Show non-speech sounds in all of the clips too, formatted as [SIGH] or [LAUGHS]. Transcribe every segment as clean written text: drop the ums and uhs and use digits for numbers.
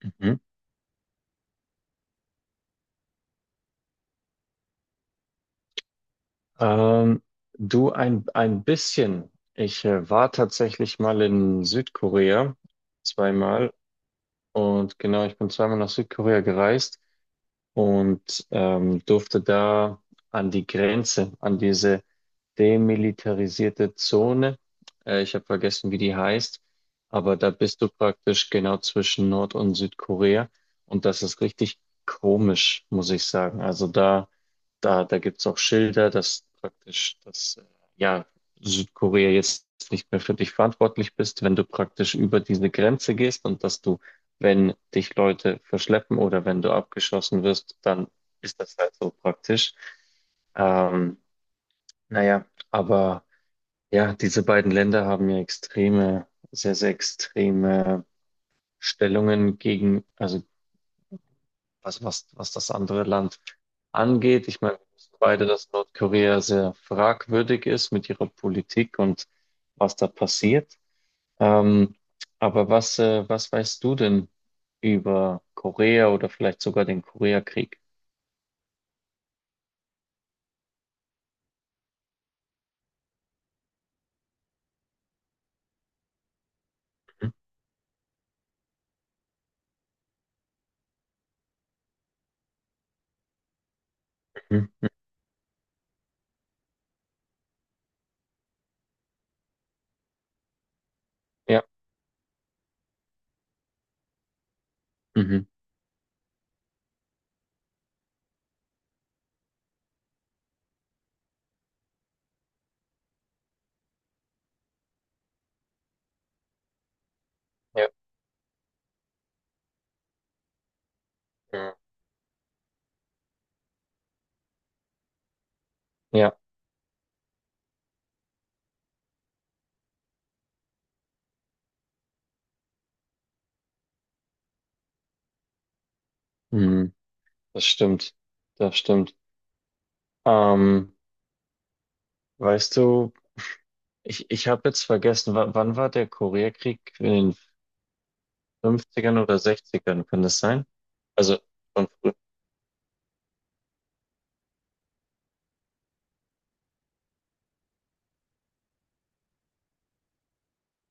Mhm. Ähm, du ein bisschen. Ich war tatsächlich mal in Südkorea zweimal. Und genau, ich bin zweimal nach Südkorea gereist und durfte da an die Grenze, an diese demilitarisierte Zone. Ich habe vergessen, wie die heißt, aber da bist du praktisch genau zwischen Nord- und Südkorea und das ist richtig komisch, muss ich sagen. Also da gibt's auch Schilder, dass praktisch, dass ja, Südkorea jetzt nicht mehr für dich verantwortlich bist, wenn du praktisch über diese Grenze gehst und dass du, wenn dich Leute verschleppen oder wenn du abgeschossen wirst, dann ist das halt so praktisch. Ähm, naja, aber ja, diese beiden Länder haben ja extreme, sehr, sehr extreme Stellungen gegen, also was das andere Land angeht. Ich meine, wir wissen beide, dass Nordkorea sehr fragwürdig ist mit ihrer Politik und was da passiert. Ähm, aber was weißt du denn über Korea oder vielleicht sogar den Koreakrieg? Mhm. Ja, mhm. Ja, mhm. Ja, mhm. Das stimmt. Das stimmt. Ähm, Weißt du, ich habe jetzt vergessen, wann war der Koreakrieg? In den Fünfzigern oder Sechzigern ern kann das sein? Also schon früh.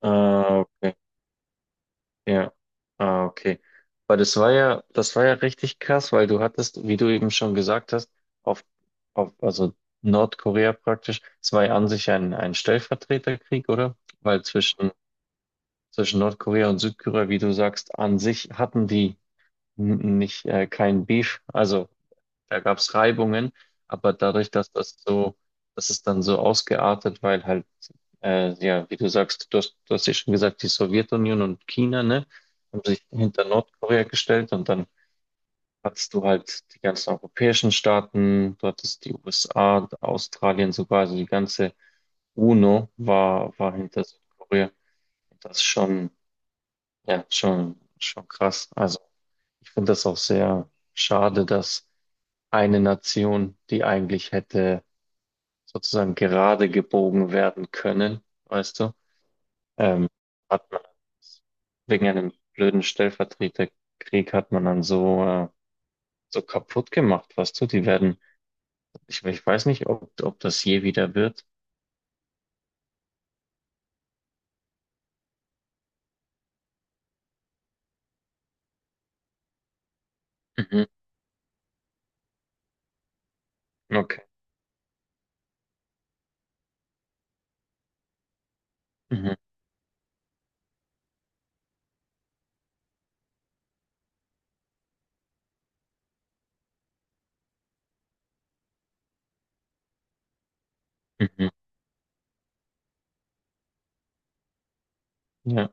Ah, okay. Ja. Ah, okay. Weil das war ja richtig krass, weil du hattest, wie du eben schon gesagt hast, auf, auf also Nordkorea praktisch, es war ja an sich ein Stellvertreterkrieg, oder? Weil zwischen Nordkorea und Südkorea, wie du sagst, an sich hatten die n- nicht kein Beef. Also da gab es Reibungen, aber dadurch, dass das so, das ist dann so ausgeartet, weil halt, ja, wie du sagst, du hast ja schon gesagt, die Sowjetunion und China, ne, haben sich hinter Nordkorea gestellt und dann hattest du halt die ganzen europäischen Staaten, du hattest die USA, Australien sogar, also die ganze UNO war hinter Südkorea. Das ist schon, ja, schon, schon krass. Also ich finde das auch sehr schade, dass eine Nation, die eigentlich hätte sozusagen gerade gebogen werden können, weißt du, ähm, hat man wegen einem blöden Stellvertreterkrieg hat man dann so, so kaputt gemacht, weißt du, die werden, ich weiß nicht, ob das je wieder wird. Mhm. Okay. Mhm. Mhm. Ja.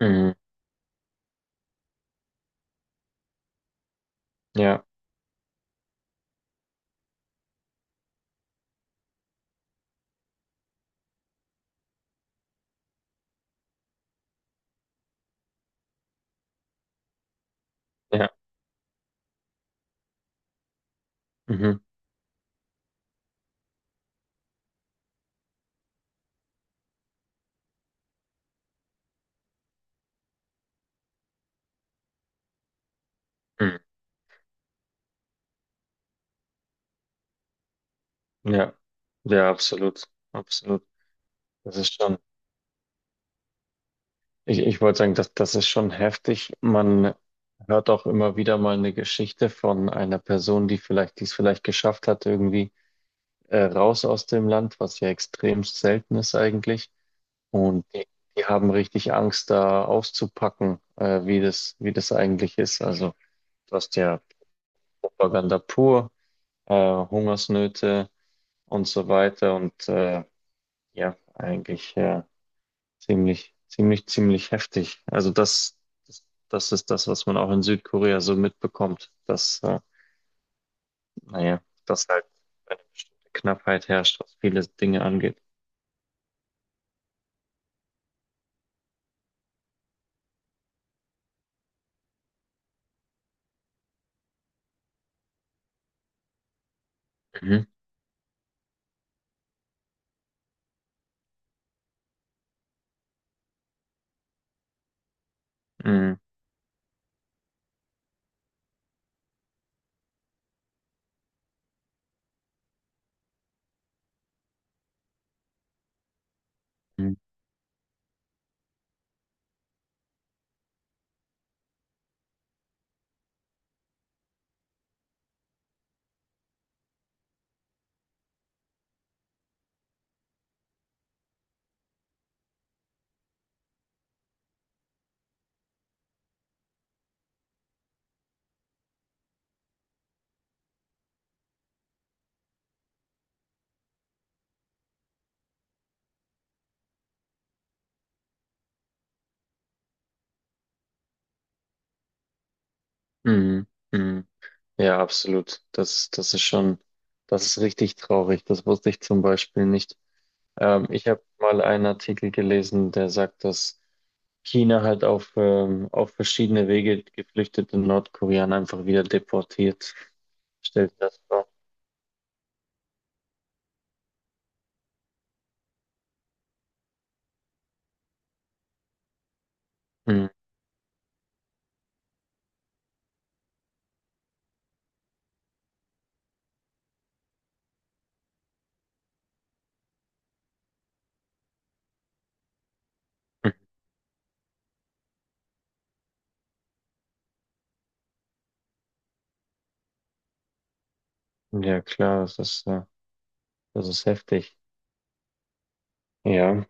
Mhm. Ja. Ja. Mhm. Mhm. Ja. Ja, absolut. Absolut. Das ist schon. Ich wollte sagen, das ist schon heftig. Man hört auch immer wieder mal eine Geschichte von einer Person, die vielleicht, die es vielleicht geschafft hat, irgendwie raus aus dem Land, was ja extrem selten ist eigentlich. Und die, die haben richtig Angst, da auszupacken, wie das eigentlich ist. Also du hast ja Propaganda pur, äh, Hungersnöte und so weiter. Und ja, eigentlich. Ziemlich, ziemlich, ziemlich heftig. Also das, das ist das, was man auch in Südkorea so mitbekommt, dass, naja, dass halt eine bestimmte Knappheit herrscht, was viele Dinge angeht. Mhm. Mhm. Mhm. Mhm. Mhm. Ja, absolut. Das, das ist schon, das ist richtig traurig. Das wusste ich zum Beispiel nicht. Ich habe mal einen Artikel gelesen, der sagt, dass China halt auf verschiedene Wege geflüchtete Nordkoreaner einfach wieder deportiert. Stellt das vor. Mhm. Mhm. Ja, klar, das ist heftig. Ja.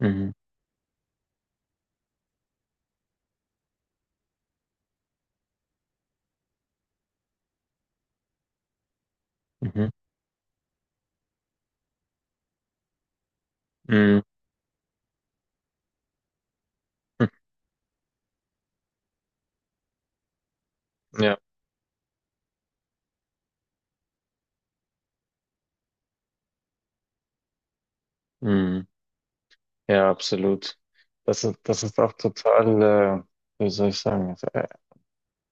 Mhm. Mhm. Mhm. Mhm. Ja. Mhm. Ja, absolut. Das ist auch total, wie soll ich sagen, also,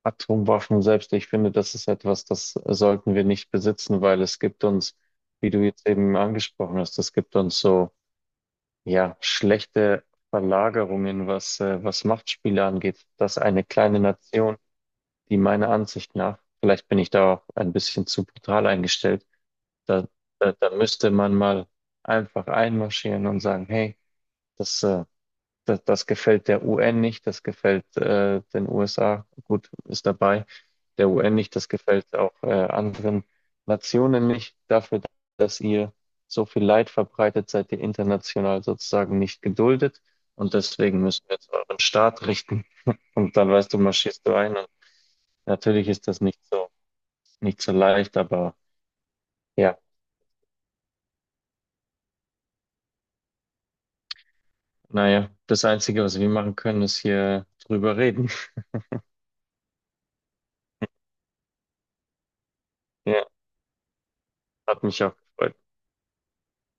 Atomwaffen selbst, ich finde, das ist etwas, das sollten wir nicht besitzen, weil es gibt uns, wie du jetzt eben angesprochen hast, es gibt uns so, ja, schlechte Verlagerungen, was, was Machtspiele angeht, dass eine kleine Nation, die meiner Ansicht nach, vielleicht bin ich da auch ein bisschen zu brutal eingestellt, da, da müsste man mal einfach einmarschieren und sagen, hey, das, das gefällt der UN nicht, das gefällt den USA, gut, ist dabei, der UN nicht, das gefällt auch anderen Nationen nicht, dafür, dass ihr so viel Leid verbreitet, seid ihr international sozusagen nicht geduldet und deswegen müssen wir jetzt euren Staat richten [LAUGHS] und dann weißt du, marschierst du ein und natürlich ist das nicht so leicht, aber ja, naja, das Einzige, was wir machen können, ist hier drüber reden. [LAUGHS] Ja, hat mich auch gefreut.